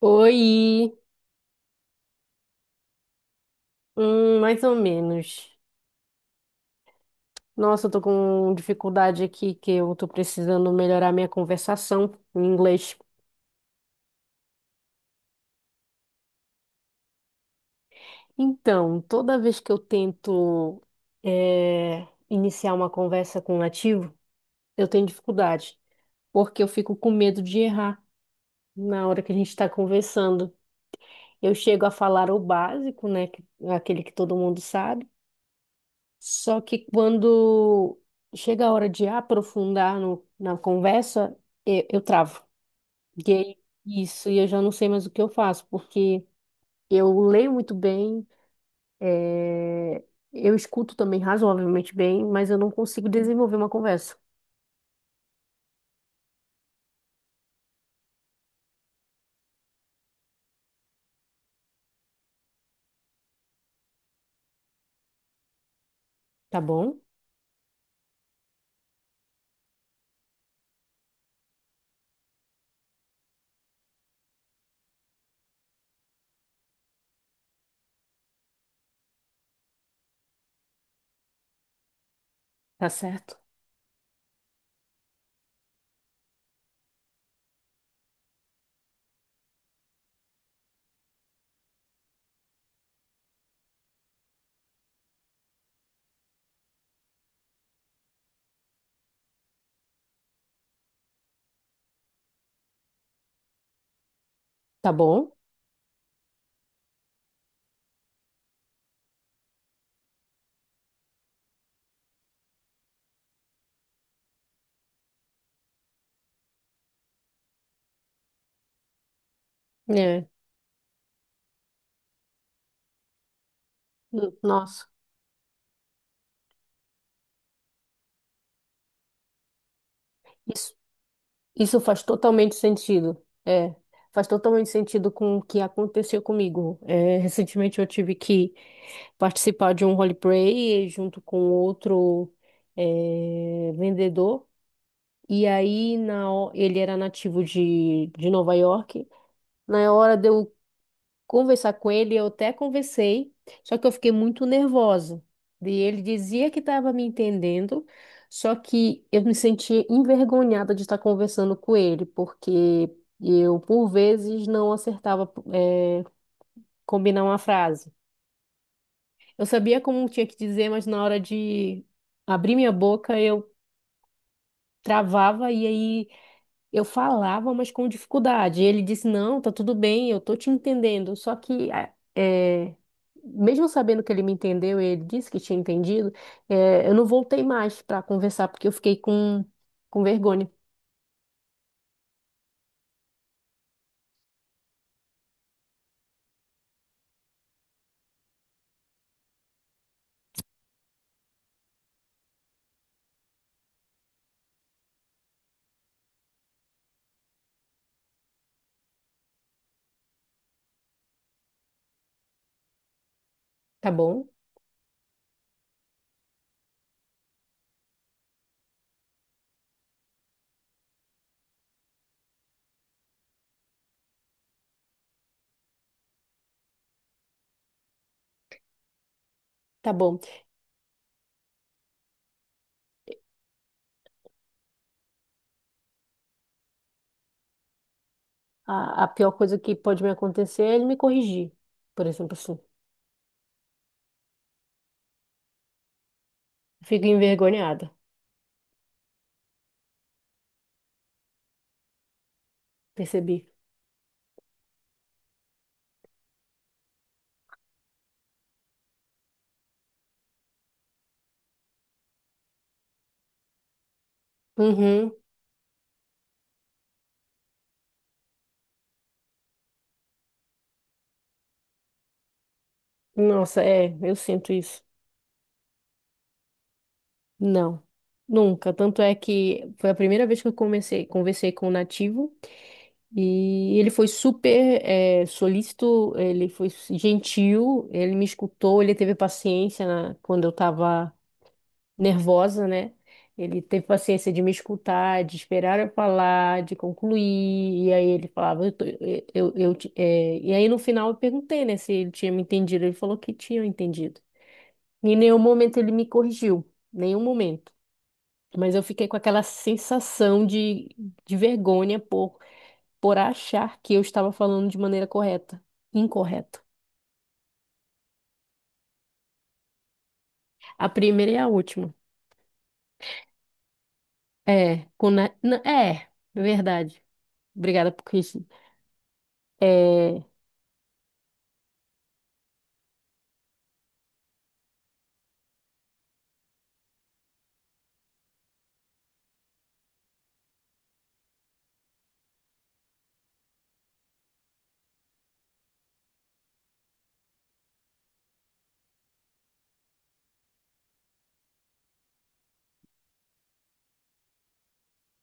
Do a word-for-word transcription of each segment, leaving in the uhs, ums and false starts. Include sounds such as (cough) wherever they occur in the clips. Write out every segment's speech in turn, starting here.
Oi, hum, mais ou menos. Nossa, eu tô com dificuldade aqui que eu tô precisando melhorar minha conversação em inglês. Então, toda vez que eu tento eh, iniciar uma conversa com um nativo, eu tenho dificuldade, porque eu fico com medo de errar na hora que a gente está conversando. Eu chego a falar o básico, né, que- aquele que todo mundo sabe. Só que quando chega a hora de aprofundar no- na conversa, eu, eu travo. E aí, isso, e eu já não sei mais o que eu faço, porque eu leio muito bem, eh, eu escuto também razoavelmente bem, mas eu não consigo desenvolver uma conversa. Tá bom? Tá certo? Tá bom? É. N- Nossa, isso, isso faz totalmente sentido. É, faz totalmente sentido com o que aconteceu comigo. É, recentemente eu tive que participar de um roleplay junto com outro eh, vendedor. E aí na, ho- ele era nativo de, de Nova York. Na hora de eu conversar com ele, eu até conversei, só que eu fiquei muito nervosa. E ele dizia que estava me entendendo, só que eu me sentia envergonhada de estar conversando com ele, porque eu, por vezes, não acertava, eh, combinar uma frase. Eu sabia como tinha que dizer, mas na hora de abrir minha boca eu travava e aí eu falava, mas com dificuldade. E ele disse: Não, tá tudo bem, eu tô te entendendo. Só que, a- é, mesmo sabendo que ele me entendeu e ele disse que tinha entendido, é, eu não voltei mais para conversar porque eu fiquei com, com vergonha. Tá bom? Tá bom. A, a pior coisa que pode me acontecer é ele me corrigir, por exemplo, assim. Fico envergonhada, percebi. Uhum. Nossa, é, eu sinto isso. Não, nunca. Tanto é que foi a primeira vez que eu comecei, conversei com o nativo e ele foi super é, solícito, ele foi gentil, ele me escutou, ele teve paciência na- quando eu estava nervosa, né? Ele teve paciência de me escutar, de esperar eu falar, de concluir, e aí ele falava, eu, tô- eu, eu, eu te- é, e aí no final eu perguntei, né, se ele tinha me entendido, ele falou que tinha entendido. Em nenhum momento ele me corrigiu, nenhum momento. Mas eu fiquei com aquela sensação de, de vergonha por, por achar que eu estava falando de maneira correta, incorreta. A primeira e a última. É, com na- na- é, verdade. Obrigada por isso. É,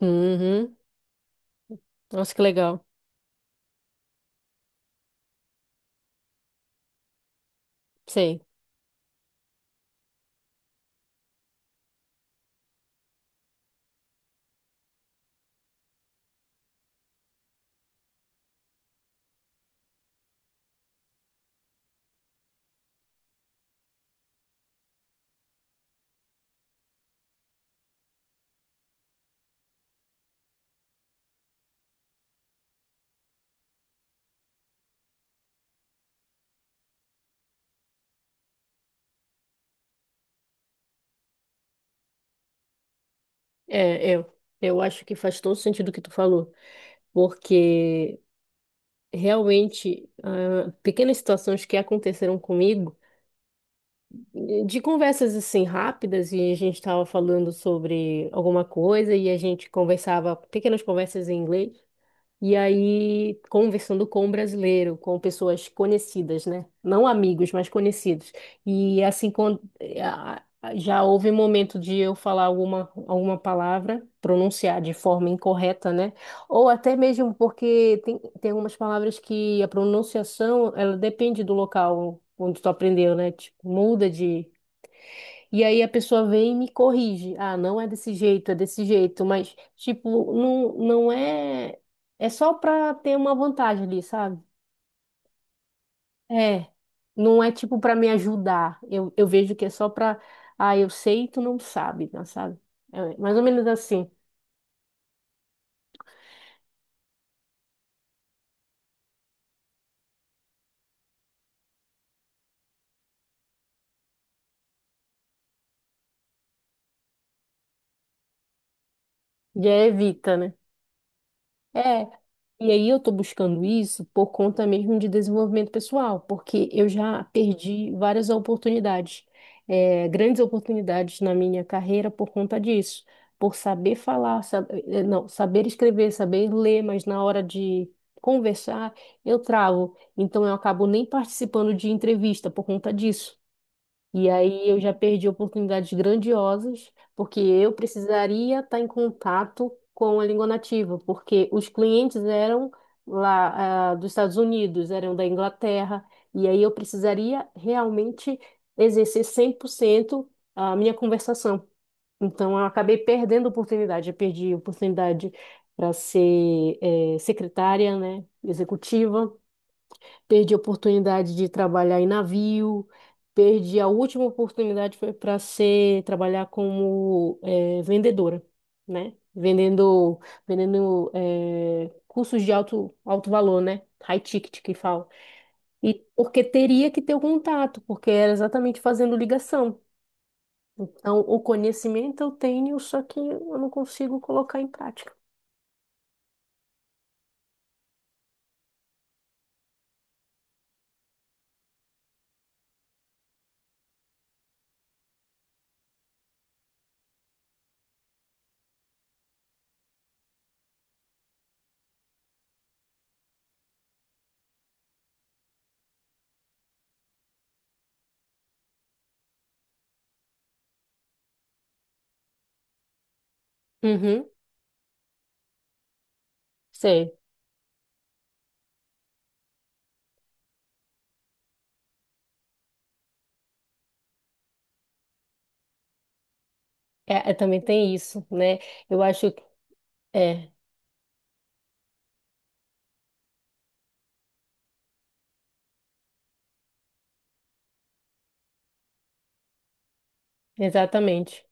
uhum. Nossa, que legal. Sei. É, eu, eu acho que faz todo sentido o que tu falou, porque realmente, ah, pequenas situações que aconteceram comigo de conversas assim rápidas, e a gente estava falando sobre alguma coisa, e a gente conversava, pequenas conversas em inglês, e aí conversando com um brasileiro, com pessoas conhecidas, né? Não amigos, mas conhecidos. E assim, quando, eh, a- a- já houve momento de eu falar alguma, alguma palavra, pronunciar de forma incorreta, né? Ou até mesmo porque tem, tem algumas palavras que a pronunciação, ela depende do local onde tu aprendeu, né? Tipo, muda de, e aí a pessoa vem e me corrige. Ah, não é desse jeito, é desse jeito, mas tipo, não, não é. É só para ter uma vantagem ali, sabe? É. Não é tipo para me ajudar. Eu, eu vejo que é só para. Ah, eu sei e tu não sabe, não sabe? É mais ou menos assim. Já evita, né? É, e aí eu tô buscando isso por conta mesmo de desenvolvimento pessoal, porque eu já perdi várias oportunidades, é, grandes oportunidades na minha carreira por conta disso, por saber falar, sab- eh, não, saber escrever, saber ler, mas na hora de conversar eu travo, então eu acabo nem participando de entrevista por conta disso. E aí eu já perdi oportunidades grandiosas, porque eu precisaria estar em contato com a língua nativa, porque os clientes eram lá, ah, dos Estados Unidos, eram da Inglaterra, e aí eu precisaria realmente exercer cem por cento a minha conversação. Então eu acabei perdendo oportunidade, eu perdi oportunidade para ser, eh, secretária, né, executiva. Perdi a oportunidade de trabalhar em navio, perdi a última oportunidade foi para ser trabalhar como eh, vendedora, né? Vendendo, vendendo eh, cursos de alto, alto valor, né? High ticket que fala. E porque teria que ter o contato, porque era exatamente fazendo ligação. Então, o conhecimento eu tenho, só que eu não consigo colocar em prática. Uhum, sei. É, é, também tem isso, né? Eu acho que é, exatamente.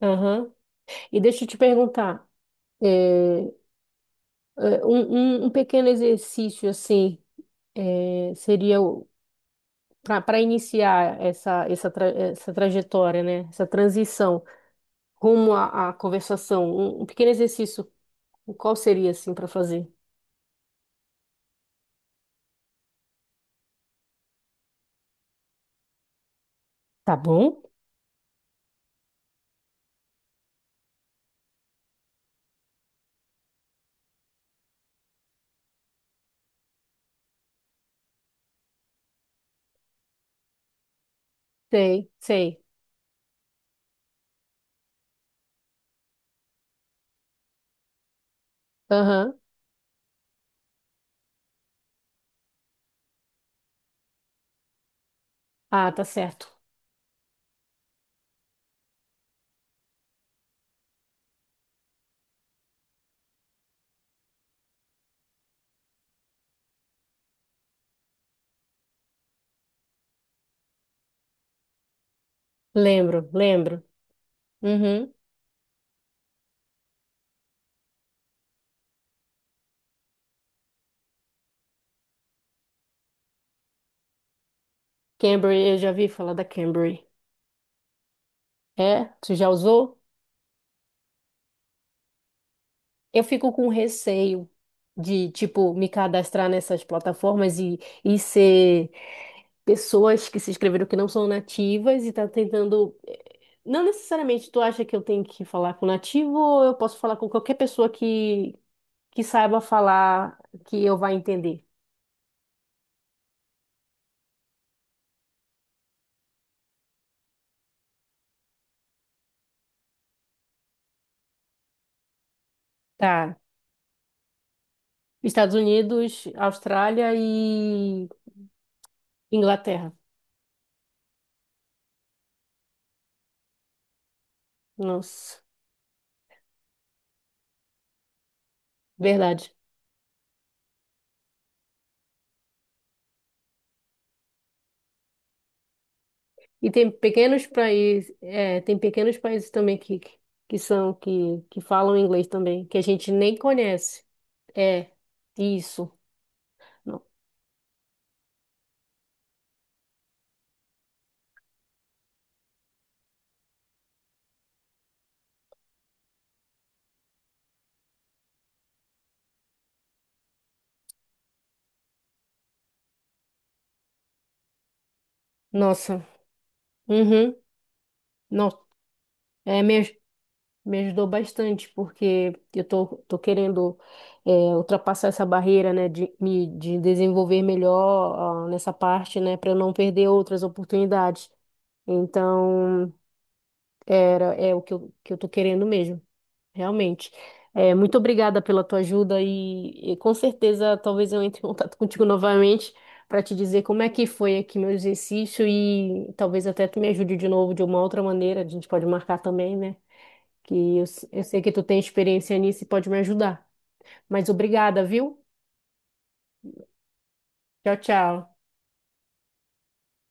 Aham. E deixa eu te perguntar, é, é, um, um- um pequeno exercício assim é, seria para iniciar essa, essa, tra- essa trajetória, né? Essa transição rumo à, à conversação. Um, um pequeno exercício, qual seria assim para fazer? Tá bom? Sei, sei. Aham. Ah, tá certo. Lembro, lembro. Uhum. Cambly, eu já vi falar da Cambly. É? Tu já usou? Eu fico com receio de, tipo, me cadastrar nessas plataformas e, e ser pessoas que se inscreveram que não são nativas e tá tentando. eh, Não necessariamente tu acha que eu tenho que falar com nativo ou eu posso falar com qualquer pessoa que, que saiba falar que eu vá entender. Tá. Estados Unidos, Austrália e Inglaterra. Nossa, verdade. E tem pequenos países, é, tem pequenos países também que, que são que, que falam inglês também, que a gente nem conhece. É, isso. No- Nossa. Uhum. Nossa. É, me, aj- me ajudou bastante, porque eu tô, tô querendo é, ultrapassar essa barreira, né, de me de desenvolver melhor ah, nessa parte, né, para eu não perder outras oportunidades. Então, era, é o que eu, que eu tô querendo mesmo. Realmente. É, muito obrigada pela tua ajuda e, e com certeza talvez eu entre em contato (laughs) contigo novamente para te dizer como é que foi aqui meu exercício e talvez até tu me ajude de novo de uma outra maneira. A gente pode marcar também, né? Que eu, eu sei que tu tem experiência nisso e pode me ajudar. Mas obrigada, viu? Tchau, tchau.